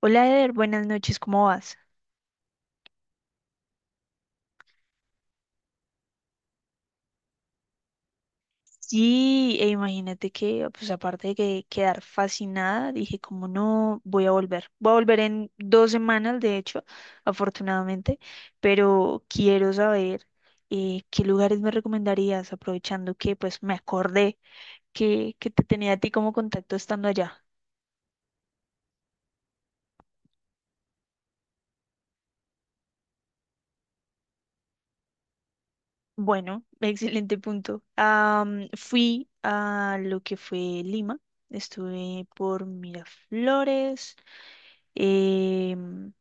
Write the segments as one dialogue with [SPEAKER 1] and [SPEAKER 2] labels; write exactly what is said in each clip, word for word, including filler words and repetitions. [SPEAKER 1] Hola Eder, buenas noches, ¿cómo vas? Sí, e imagínate que, pues aparte de que quedar fascinada, dije, como no, voy a volver. Voy a volver en dos semanas, de hecho, afortunadamente, pero quiero saber eh, qué lugares me recomendarías, aprovechando que pues me acordé que, que te tenía a ti como contacto estando allá. Bueno, excelente punto. Am, fui a lo que fue Lima, estuve por Miraflores, em,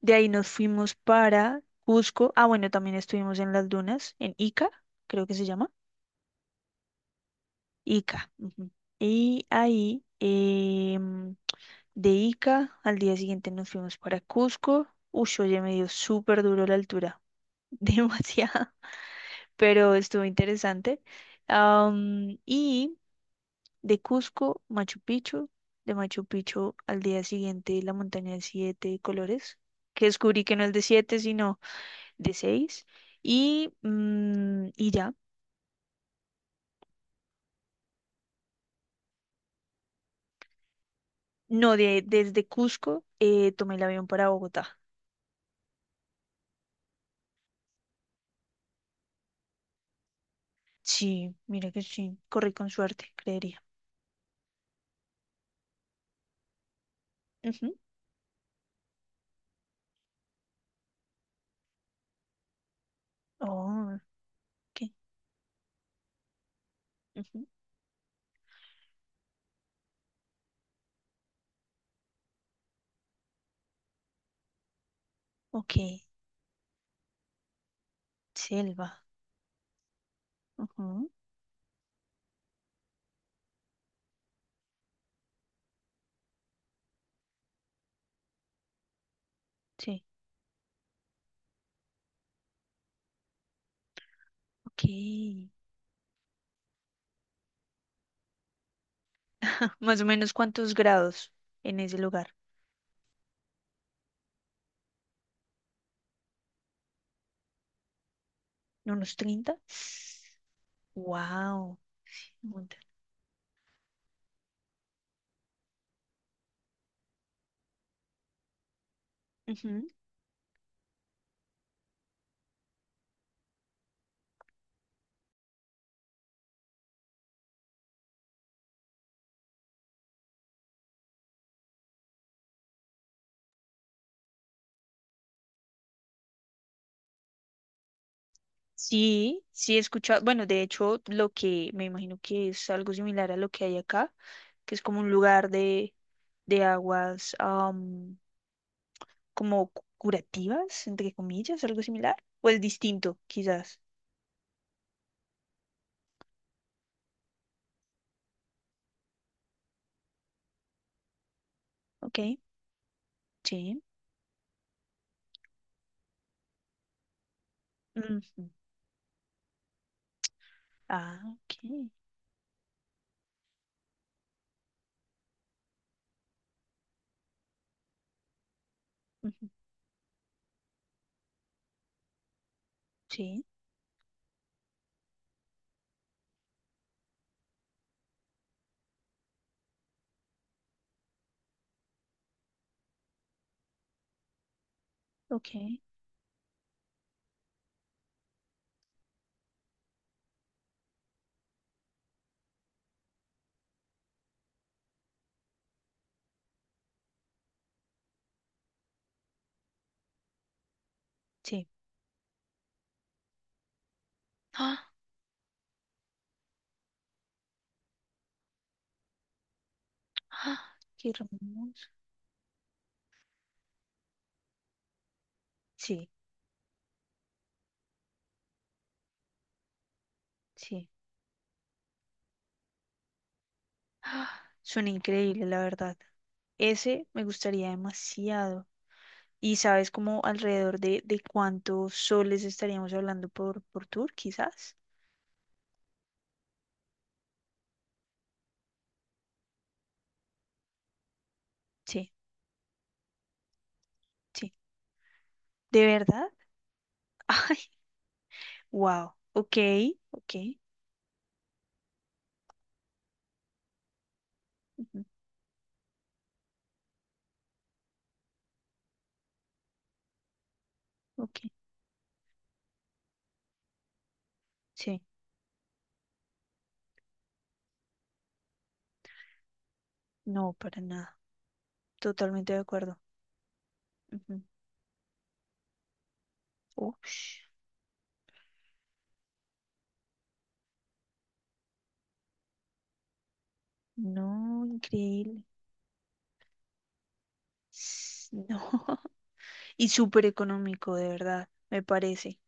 [SPEAKER 1] de ahí nos fuimos para Cusco. Ah, bueno, también estuvimos en las dunas, en Ica, creo que se llama. Ica. Ujú. Y ahí, em, de Ica, al día siguiente nos fuimos para Cusco. Uy, oye, me dio súper duro la altura, demasiado, pero estuvo interesante. Am, y de Cusco, Machu Picchu. De Machu Picchu al día siguiente, la montaña de siete colores, que descubrí que no es de siete, sino de seis. Y, mm, y ya, no, de, desde Cusco eh, tomé el avión para Bogotá. Sí, mira que sí, corrí con suerte, creería. Ujú. Oh, ok. Ujú, ok, selva. Ujú, sí, ok. Más o menos cuántos grados en ese lugar. ¿Unos treinta? Wow. Ujú. Sí, sí he escuchado. Bueno, de hecho, lo que me imagino que es algo similar a lo que hay acá, que es como un lugar de, de aguas am, como cu- curativas, entre comillas, algo similar. O es distinto, quizás. Ok, sí. Ujú. Ah, ok. Ujú. Sí, ok, sí. ¡Ah! ¡Ah! Qué hermoso. Sí, sí. Suena increíble, la verdad. Ese me gustaría demasiado. ¿Y sabes como alrededor de, de cuántos soles estaríamos hablando por, por tour, quizás? Sí, sí. ¿De verdad? Ay, wow. Ok, ok, ujú, ok. Sí, no, para nada. Totalmente de acuerdo. Ujú. Ush, no, increíble. S- No. Y súper económico, de verdad, me parece.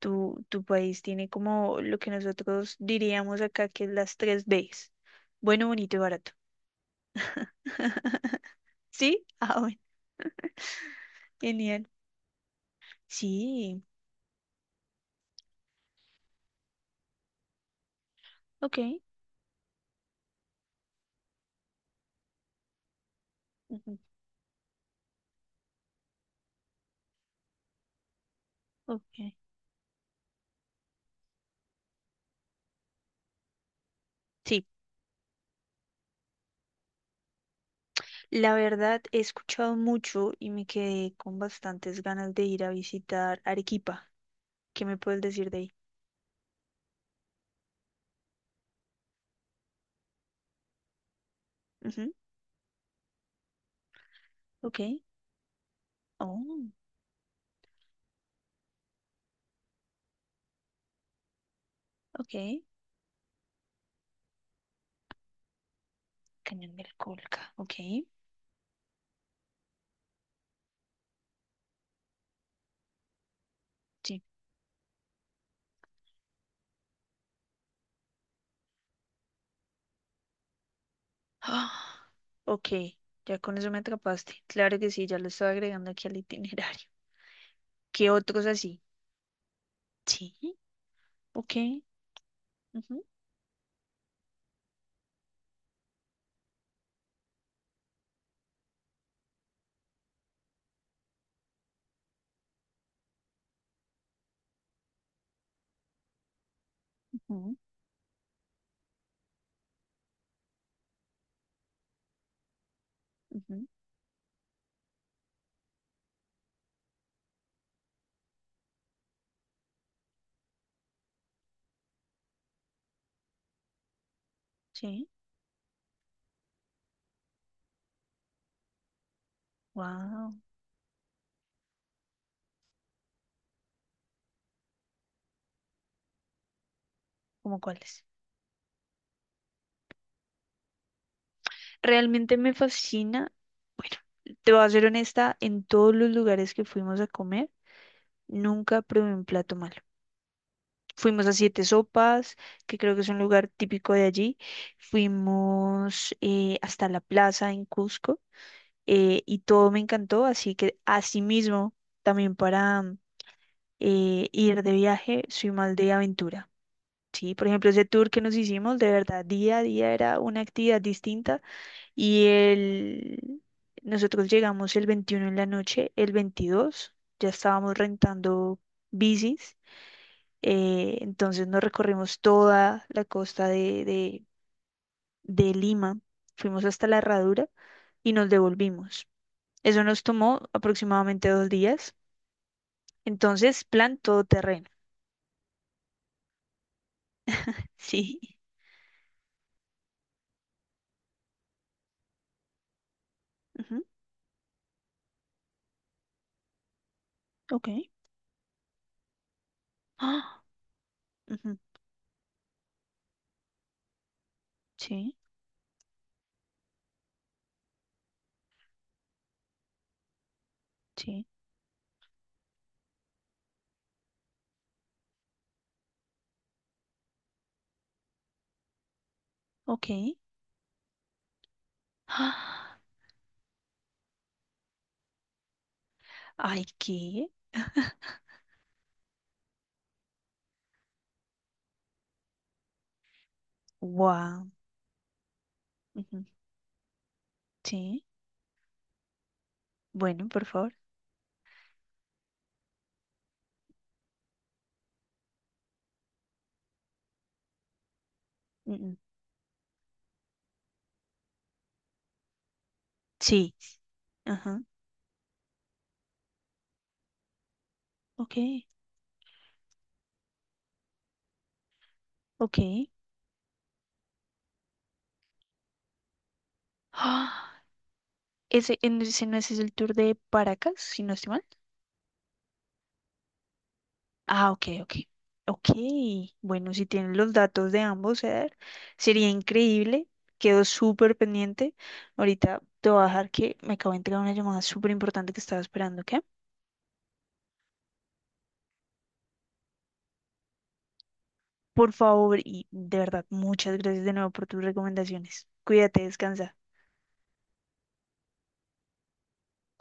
[SPEAKER 1] Tu, tu país tiene como lo que nosotros diríamos acá que es las tres Bs. Bueno, bonito y barato. ¿Sí? Ah, bueno. Genial. Sí. Ok. Ujú, ok. Sí. La verdad, he escuchado mucho y me quedé con bastantes ganas de ir a visitar Arequipa. ¿Qué me puedes decir de ahí? Ujú, ok. Oh, ok. Cañón del Colca. Ok. Sí. Ah, ok, ya con eso me atrapaste. Claro que sí, ya lo estaba agregando aquí al itinerario. ¿Qué otros así? Sí, ok. Ujú, ujú, ujú, sí, wow. ¿Cómo cuáles? Realmente me fascina. Bueno, te voy a ser honesta, en todos los lugares que fuimos a comer, nunca probé un plato malo. Fuimos a Siete Sopas, que creo que es un lugar típico de allí. Fuimos eh, hasta la plaza en Cusco eh, y todo me encantó, así que asimismo, también para mm, eh, ir de viaje, soy más de aventura. Sí, por ejemplo, ese tour que nos hicimos, de verdad, día a día era una actividad distinta y el... nosotros llegamos el veintiuno en la noche, el veintidós ya estábamos rentando bicis, eh, entonces nos recorrimos toda la costa de, de de Lima, fuimos hasta la Herradura y nos devolvimos. Eso nos tomó aproximadamente dos días. Entonces, plan todoterreno. Sí. Ujú, ok. Ah, ujú, sí, sí, ok. Ah, ay, qué. Wow. Ujú, sí, bueno, por favor. Mm, mm. Sí. Ajá, ok, ok. Ah, Ese, en- ese no es el tour de Paracas, si no estoy mal. Ah, ok, ok. Ok, bueno, si tienen los datos de ambos, Eder, sería increíble. Quedo súper pendiente. Ahorita te voy a dejar que me acabo de entregar una llamada súper importante que estaba esperando, ¿ok? Por favor, y de verdad, muchas gracias de nuevo por tus recomendaciones. Cuídate, descansa.